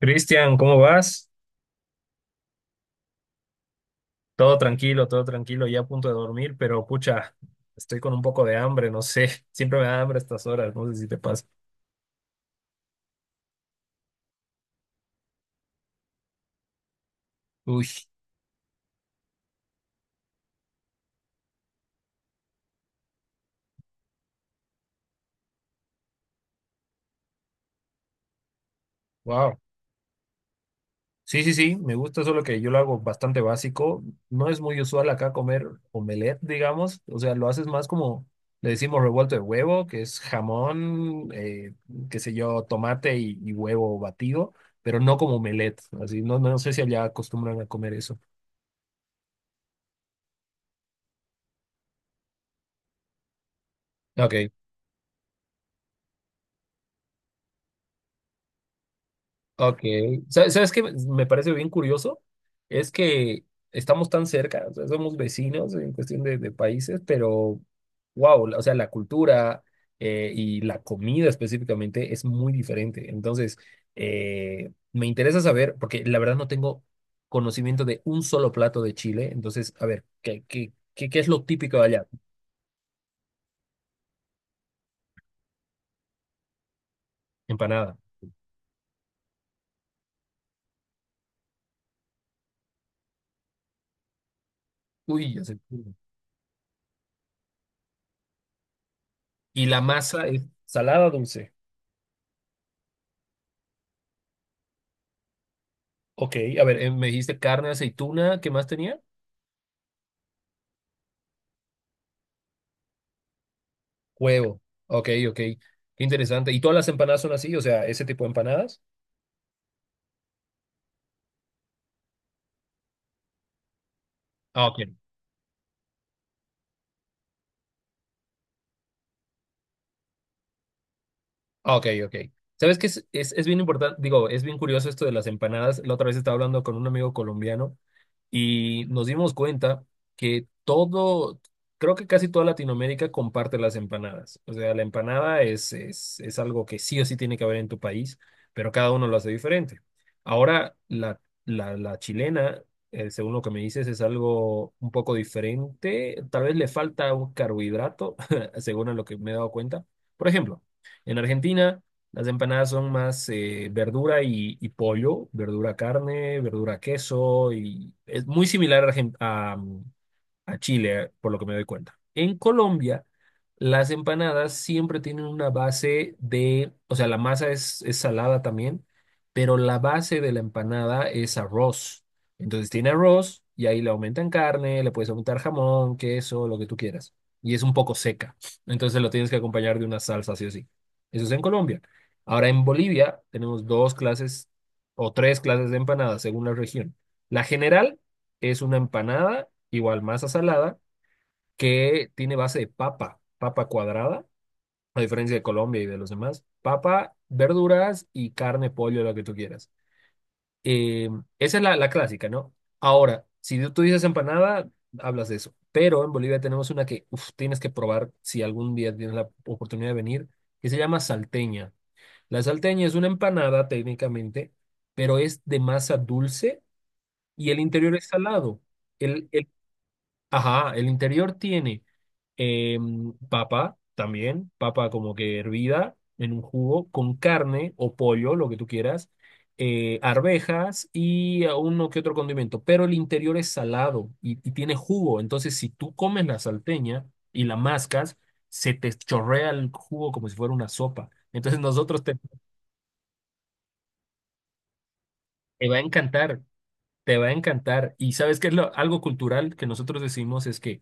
Cristian, ¿cómo vas? Todo tranquilo, ya a punto de dormir, pero pucha, estoy con un poco de hambre, no sé, siempre me da hambre a estas horas, no sé si te pasa. Uy, wow. Sí, sí, sí, me gusta, solo que yo lo hago bastante básico. No es muy usual acá comer omelette, digamos. O sea, lo haces más como, le decimos revuelto de huevo, que es jamón, qué sé yo, tomate y huevo batido, pero no como omelette. Así, no, no sé si allá acostumbran a comer eso. Ok, ok. ¿Sabes qué me parece bien curioso? Es que estamos tan cerca, o sea, somos vecinos en cuestión de países, pero wow, o sea, la cultura y la comida específicamente es muy diferente. Entonces, me interesa saber, porque la verdad no tengo conocimiento de un solo plato de Chile. Entonces, a ver, ¿qué es lo típico de allá? Empanada. Uy, ya sé. Y la masa es salada, dulce. Ok, a ver, me dijiste carne, aceituna, ¿qué más tenía? Huevo. Ok, ok. Qué interesante. ¿Y todas las empanadas son así? O sea, ese tipo de empanadas. Ah, ok. Ok, ok. ¿Sabes qué es bien importante? Digo, es bien curioso esto de las empanadas. La otra vez estaba hablando con un amigo colombiano y nos dimos cuenta que todo, creo que casi toda Latinoamérica comparte las empanadas. O sea, la empanada es algo que sí o sí tiene que haber en tu país, pero cada uno lo hace diferente. Ahora, la chilena, según lo que me dices, es algo un poco diferente. Tal vez le falta un carbohidrato, según a lo que me he dado cuenta. Por ejemplo. En Argentina, las empanadas son más verdura y pollo, verdura carne, verdura queso, y es muy similar a, a Chile, por lo que me doy cuenta. En Colombia, las empanadas siempre tienen una base de, o sea, la masa es salada también, pero la base de la empanada es arroz. Entonces tiene arroz y ahí le aumentan carne, le puedes aumentar jamón, queso, lo que tú quieras. Y es un poco seca. Entonces lo tienes que acompañar de una salsa, sí o sí. Eso es en Colombia. Ahora en Bolivia tenemos dos clases o tres clases de empanadas según la región. La general es una empanada, igual masa salada, que tiene base de papa, papa cuadrada, a diferencia de Colombia y de los demás. Papa, verduras y carne, pollo, lo que tú quieras. Eh, esa es la, la clásica, ¿no? Ahora, si tú dices empanada, hablas de eso. Pero en Bolivia tenemos una que uf, tienes que probar si algún día tienes la oportunidad de venir, que se llama salteña. La salteña es una empanada técnicamente, pero es de masa dulce y el interior es salado. Ajá, el interior tiene papa también, papa como que hervida en un jugo, con carne o pollo, lo que tú quieras, arvejas y a uno que otro condimento, pero el interior es salado y tiene jugo, entonces si tú comes la salteña y la mascas, se te chorrea el jugo como si fuera una sopa. Entonces nosotros te, te va a encantar, te va a encantar. Y sabes qué es algo cultural que nosotros decimos es que...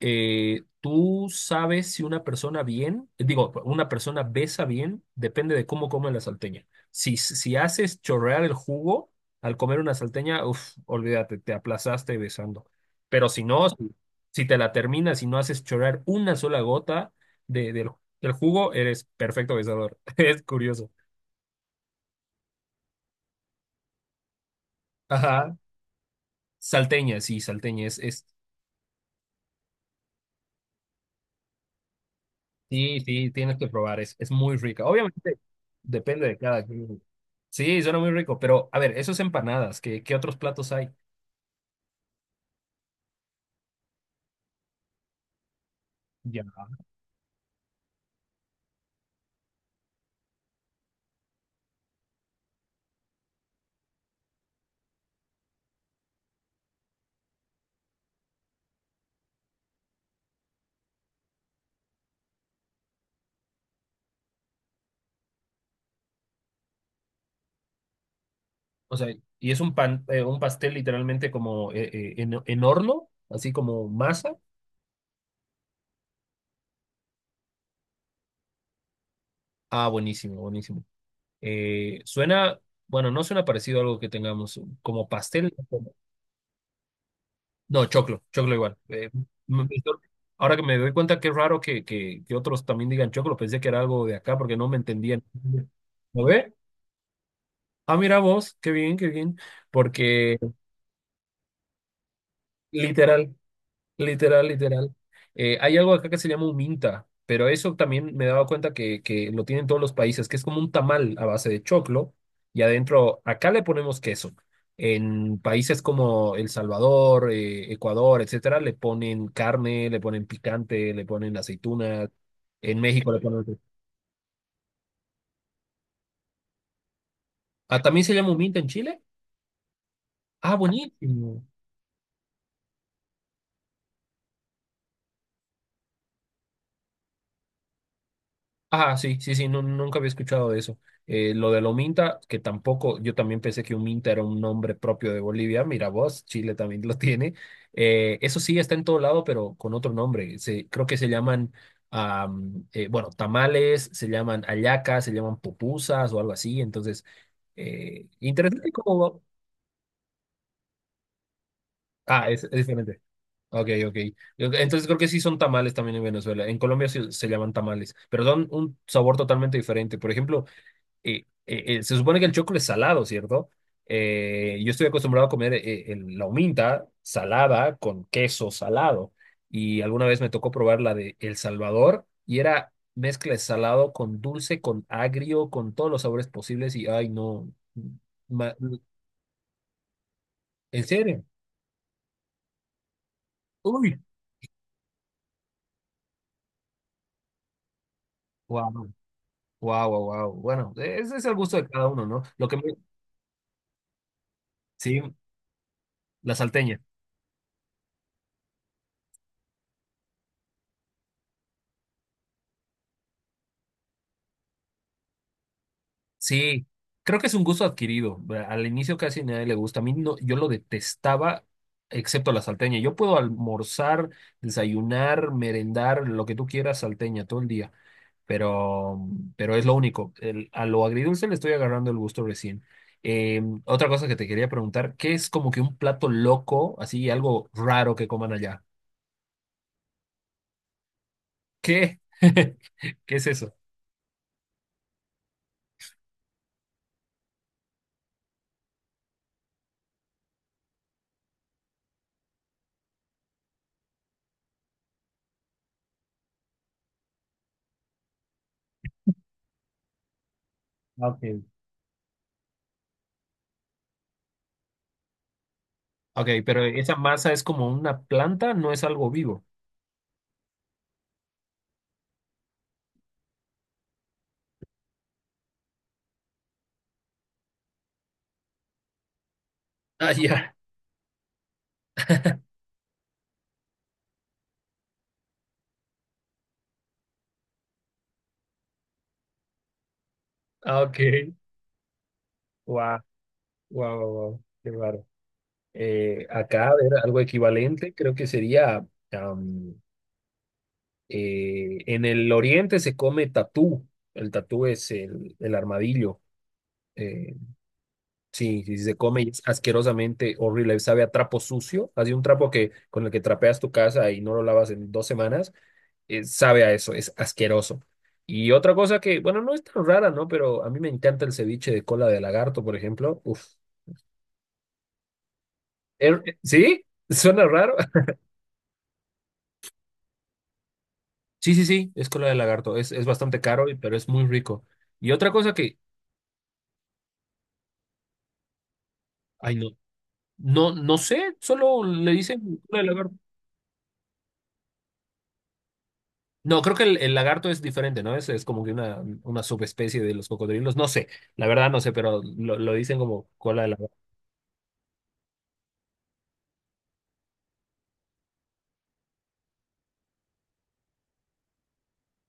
tú sabes si una persona bien, digo, una persona besa bien, depende de cómo come la salteña. Si, si haces chorrear el jugo al comer una salteña, uff, olvídate, te aplazaste besando. Pero si no, si, si te la terminas y no haces chorrear una sola gota de, del, del jugo, eres perfecto besador. Es curioso. Ajá. Salteña, sí, salteña. Es es. Sí, sí, tienes que probar, es muy rica. Obviamente depende de cada quien. Sí, suena muy rico, pero a ver, esos empanadas, ¿qué, qué otros platos hay? Ya. O sea, y es un pan, un pastel literalmente como en horno, así como masa. Ah, buenísimo, buenísimo. Suena, bueno, no suena parecido a algo que tengamos como pastel. Como. No, choclo, choclo igual. Me- me- ahora que me doy cuenta que es raro que otros también digan choclo, pensé que era algo de acá porque no me entendían. ¿Lo ve? Ah, mira vos, qué bien, porque literal, literal, literal. Hay algo acá que se llama un minta, pero eso también me he dado cuenta que lo tienen todos los países, que es como un tamal a base de choclo y adentro, acá le ponemos queso. En países como El Salvador, Ecuador, etcétera, le ponen carne, le ponen picante, le ponen aceitunas. En México le ponen... Ah, ¿también se llama un minta en Chile? Ah, buenísimo. Ah, sí, sí, sí, no, nunca había escuchado de eso. Lo de lo Minta que tampoco, yo también pensé que un Minta era un nombre propio de Bolivia. Mira vos, Chile también lo tiene. Eso sí, está en todo lado, pero con otro nombre. Se, creo que se llaman, bueno, tamales, se llaman hallacas, se llaman pupusas o algo así. Entonces, interesante cómo... Ah, es diferente. Ok, ok. Entonces creo que sí son tamales también en Venezuela. En Colombia sí se llaman tamales, pero son un sabor totalmente diferente. Por ejemplo, se supone que el choclo es salado, ¿cierto? Yo estoy acostumbrado a comer la huminta salada con queso salado. Y alguna vez me tocó probar la de El Salvador y era mezcla de salado con dulce, con agrio, con todos los sabores posibles. Y ay, no. ma- ¿en serio? Uy, wow, wow, wow, wow. Bueno, ese es el gusto de cada uno, ¿no? Sí, la salteña. Sí, creo que es un gusto adquirido. Al inicio casi a nadie le gusta. A mí no, yo lo detestaba, excepto la salteña. Yo puedo almorzar, desayunar, merendar, lo que tú quieras, salteña todo el día, pero, pero es lo único. A lo agridulce le estoy agarrando el gusto recién. Otra cosa que te quería preguntar, ¿qué es como que un plato loco, así algo raro que coman allá? ¿Qué? ¿Qué es eso? Ok. Ok, pero esa masa es como una planta, no es algo vivo. Ah, ya. Ah, ok. Wow, wow, wow, qué raro. Acá, a ver, algo equivalente, creo que sería, am, en el oriente se come tatú. El tatú es el armadillo. Eh, sí, sí, se come y es asquerosamente horrible. Sabe a trapo sucio. Así un trapo que con el que trapeas tu casa y no lo lavas en dos semanas, sabe a eso, es asqueroso. Y otra cosa que, bueno, no es tan rara, ¿no? Pero a mí me encanta el ceviche de cola de lagarto, por ejemplo. Uf. ¿Sí? Suena raro. Sí, sí, sí, es cola de lagarto. Es bastante caro, y- pero es muy rico. Y otra cosa que, ay, no, no, no sé, solo le dicen cola de lagarto. No, creo que el lagarto es diferente, ¿no? Es como que una subespecie de los cocodrilos. No sé, la verdad no sé, pero lo dicen como cola de lagarto.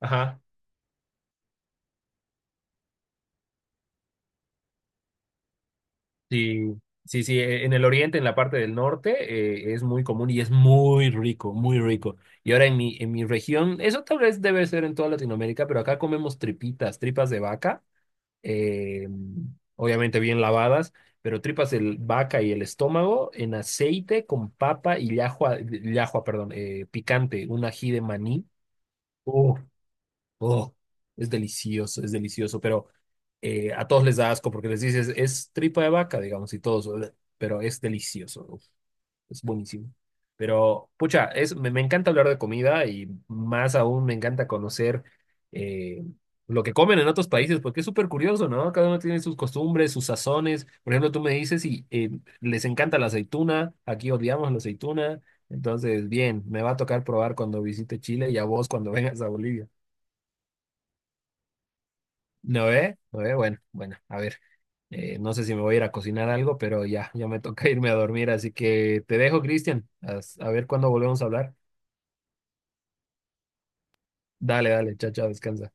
Ajá. Sí, sí, sí, en el oriente, en la parte del norte, es muy común y es muy rico, muy rico. Y ahora en mi región, eso tal vez debe ser en toda Latinoamérica, pero acá comemos tripitas, tripas de vaca, eh, obviamente bien lavadas, pero tripas de vaca y el estómago en aceite con papa y llajua, llajua, perdón, picante, un ají de maní. Oh, es delicioso, pero a todos les da asco porque les dices, es tripa de vaca, digamos, y todos, "Ugh", pero es delicioso, uf, es buenísimo. Pero, pucha, es, me encanta hablar de comida y más aún me encanta conocer eh, lo que comen en otros países, porque es súper curioso, ¿no? Cada uno tiene sus costumbres, sus sazones. Por ejemplo, tú me dices y les encanta la aceituna, aquí odiamos la aceituna, entonces, bien, me va a tocar probar cuando visite Chile y a vos cuando vengas a Bolivia. ¿No eh? ¿No eh? Bueno, bueno, a ver. No sé si me voy a ir a cocinar algo, pero ya, ya me toca irme a dormir, así que te dejo, Cristian. A ver cuándo volvemos a hablar. Dale, dale, chao, chao, descansa.